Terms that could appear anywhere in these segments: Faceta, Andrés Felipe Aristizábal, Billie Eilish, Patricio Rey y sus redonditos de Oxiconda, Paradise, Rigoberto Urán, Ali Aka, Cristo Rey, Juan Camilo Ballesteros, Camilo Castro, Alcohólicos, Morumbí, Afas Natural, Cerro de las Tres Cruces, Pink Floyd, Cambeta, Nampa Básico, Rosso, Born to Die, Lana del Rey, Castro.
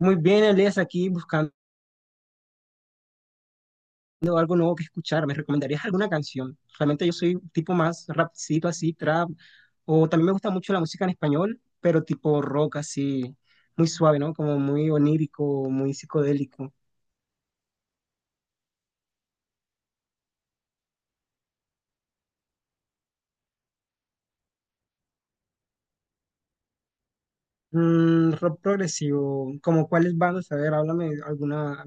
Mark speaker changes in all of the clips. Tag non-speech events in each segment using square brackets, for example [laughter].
Speaker 1: Muy bien, Elias, aquí buscando algo nuevo que escuchar. ¿Me recomendarías alguna canción? Realmente yo soy tipo más rapcito así, trap, o también me gusta mucho la música en español, pero tipo rock así, muy suave, ¿no? Como muy onírico, muy psicodélico. Rock progresivo, ¿como cuáles bandas? A ver, háblame alguna.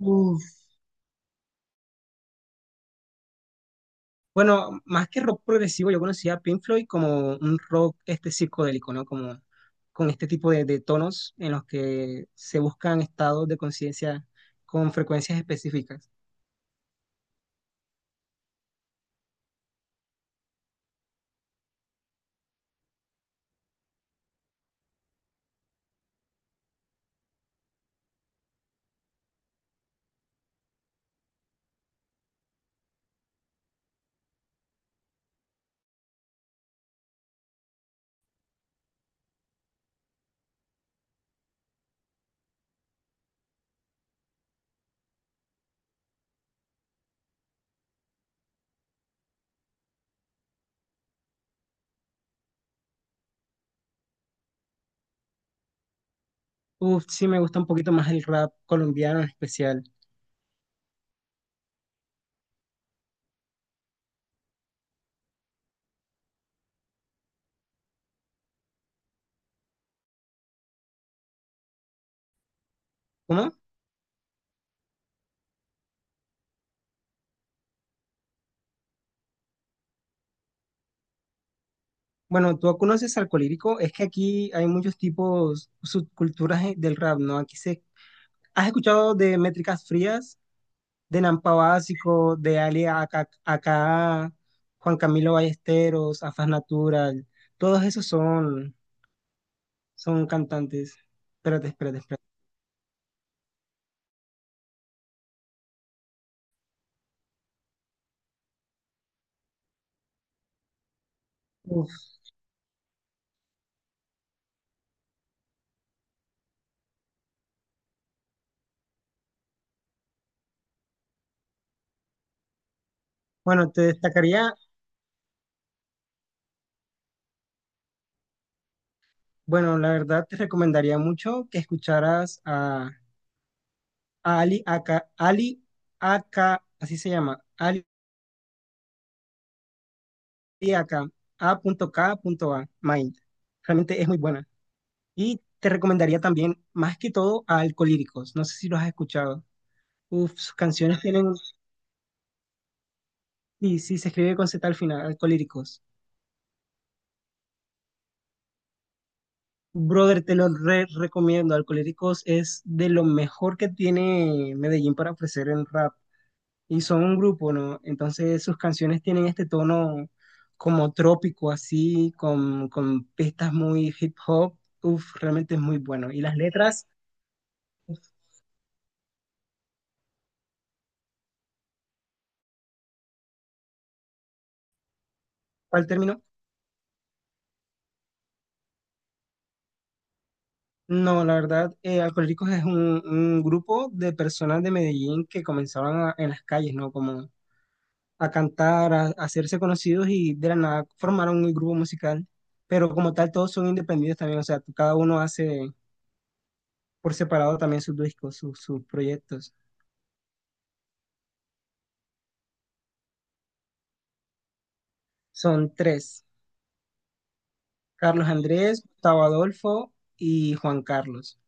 Speaker 1: Uf, bueno, más que rock progresivo, yo conocía a Pink Floyd como un rock este psicodélico, ¿no? Como con este tipo de tonos en los que se buscan estados de conciencia con frecuencias específicas. Uf, sí me gusta un poquito más el rap colombiano en especial. ¿Cómo? Bueno, tú conoces al colírico, es que aquí hay muchos tipos, subculturas del rap, ¿no? Aquí se... ¿Has escuchado de métricas frías? De Nampa Básico, de Ali Aka, Aka, Juan Camilo Ballesteros, Afas Natural, todos esos son, cantantes. Espérate, espérate, espérate. Uf. Bueno, te destacaría, bueno, la verdad te recomendaría mucho que escucharas a Ali Aka, Ali Aka, así se llama, Ali Aka, A.K.A. Mind. Realmente es muy buena. Y te recomendaría también, más que todo, a Alcolíricos. No sé si los has escuchado. Uf, sus canciones tienen. Sí, sí, se escribe con Z al final, Alcohólicos. Brother, te lo re recomiendo. Alcohólicos es de lo mejor que tiene Medellín para ofrecer en rap. Y son un grupo, ¿no? Entonces sus canciones tienen este tono como trópico, así, con pistas muy hip hop. Uf, realmente es muy bueno. Y las letras, ¿cuál término? No, la verdad, Alcohólicos es un grupo de personas de Medellín que comenzaban en las calles, ¿no? Como a cantar, a hacerse conocidos y de la nada formaron un grupo musical. Pero como tal, todos son independientes también, o sea, cada uno hace por separado también sus discos, sus proyectos. Son tres, Carlos Andrés, Gustavo Adolfo y Juan Carlos.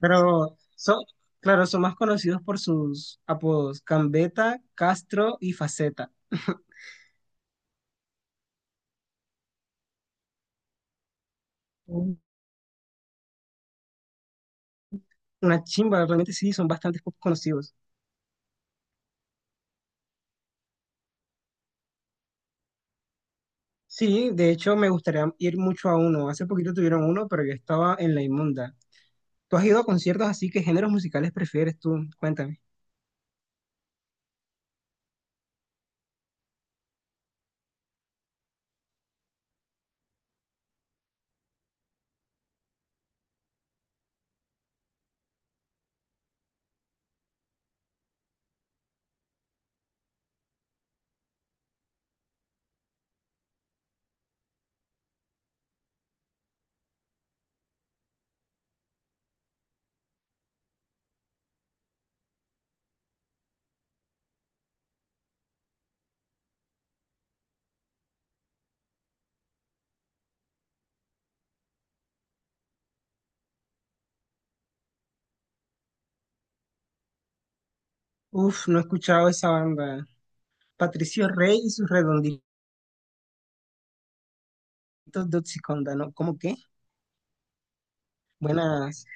Speaker 1: Pero son, claro, son más conocidos por sus apodos, Cambeta, Castro y Faceta. [laughs] Una chimba, realmente sí, son bastante poco conocidos. Sí, de hecho me gustaría ir mucho a uno. Hace poquito tuvieron uno, pero yo estaba en la inmunda. ¿Tú has ido a conciertos así? ¿Qué géneros musicales prefieres tú? Cuéntame. Uf, no he escuchado esa banda. Patricio Rey y sus redonditos de Oxiconda, ¿no? ¿Cómo qué? Buenas,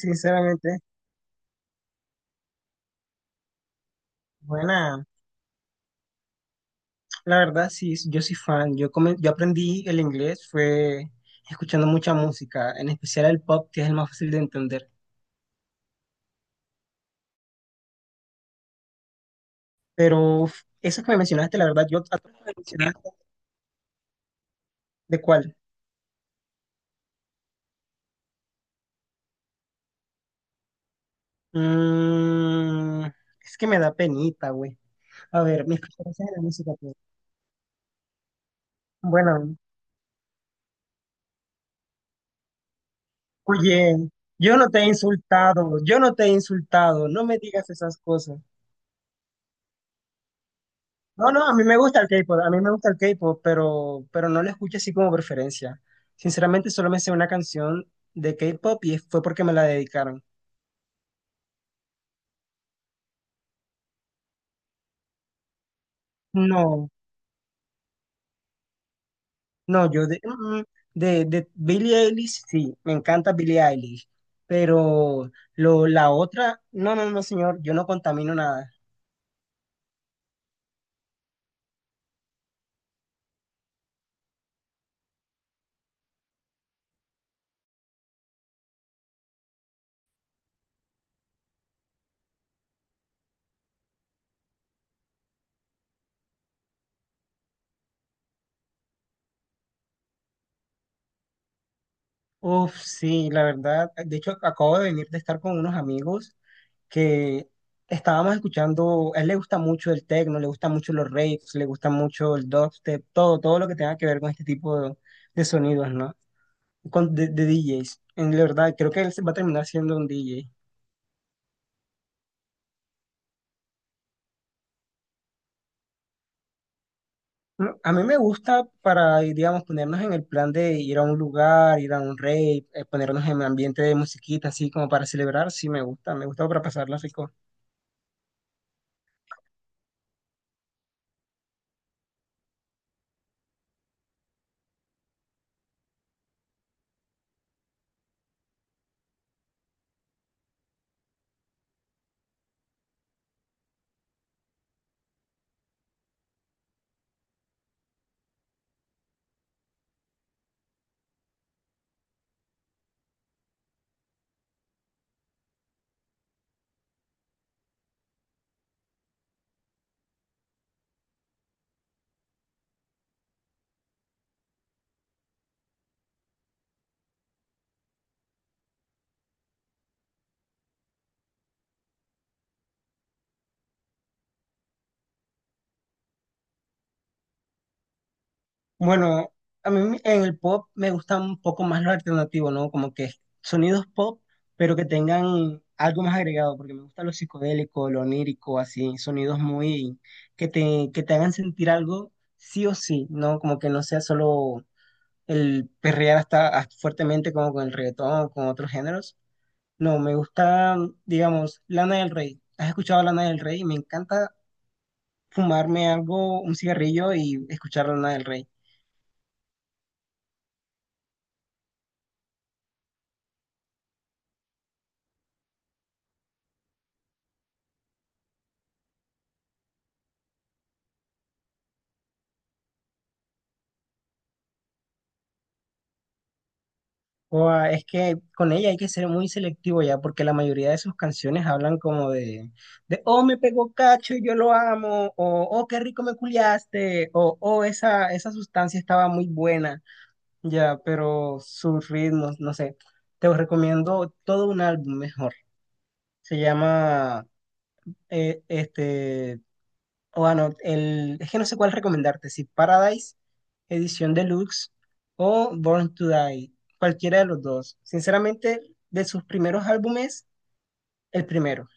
Speaker 1: sinceramente, buena. La verdad, sí, yo soy fan. Yo aprendí el inglés, fue escuchando mucha música, en especial el pop, que es el más fácil de entender. Pero uf, esas que me mencionaste, la verdad, yo... ¿De cuál? Mm, es que me da penita, güey. A ver, mis preferencias de la música. Pues. Bueno, oye, yo no te he insultado, yo no te he insultado, no me digas esas cosas. No, no, a mí me gusta el K-pop, a mí me gusta el K-pop, pero no lo escucho así como preferencia. Sinceramente, solo me sé una canción de K-pop y fue porque me la dedicaron. No. No, yo de, de Billie Eilish, sí, me encanta Billie Eilish, pero la otra, no, no, no, señor, yo no contamino nada. Uf, sí, la verdad, de hecho acabo de venir de estar con unos amigos que estábamos escuchando, a él le gusta mucho el techno, le gusta mucho los raves, le gusta mucho el dubstep, todo, todo lo que tenga que ver con este tipo de sonidos, ¿no? De DJs. En la verdad, creo que él se va a terminar siendo un DJ. A mí me gusta para, digamos, ponernos en el plan de ir a un lugar, ir a un rave, ponernos en ambiente de musiquita, así como para celebrar, sí me gusta para pasarla rico. Bueno, en el pop me gusta un poco más lo alternativo, ¿no? Como que sonidos pop, pero que tengan algo más agregado, porque me gusta lo psicodélico, lo onírico, así, sonidos muy, que te hagan sentir algo sí o sí, ¿no? Como que no sea solo el perrear hasta fuertemente como con el reggaetón, con otros géneros. No, me gusta, digamos, Lana del Rey. ¿Has escuchado Lana del Rey? Me encanta fumarme algo, un cigarrillo y escuchar Lana del Rey. O, ah, es que con ella hay que ser muy selectivo ya, porque la mayoría de sus canciones hablan como de oh, me pegó cacho y yo lo amo, o oh, qué rico me culiaste, o oh, esa sustancia estaba muy buena. Ya, pero sus ritmos, no sé. Te recomiendo todo un álbum mejor. Se llama, este, o bueno, es que no sé cuál recomendarte, si Paradise, edición deluxe o Born to Die, cualquiera de los dos. Sinceramente, de sus primeros álbumes, el primero,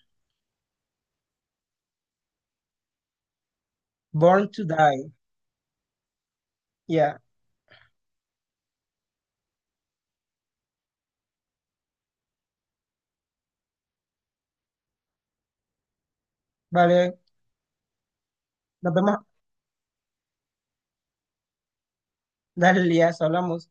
Speaker 1: Born to Die. Ya, vale, nos vemos, [laughs] dale, ya, hablamos.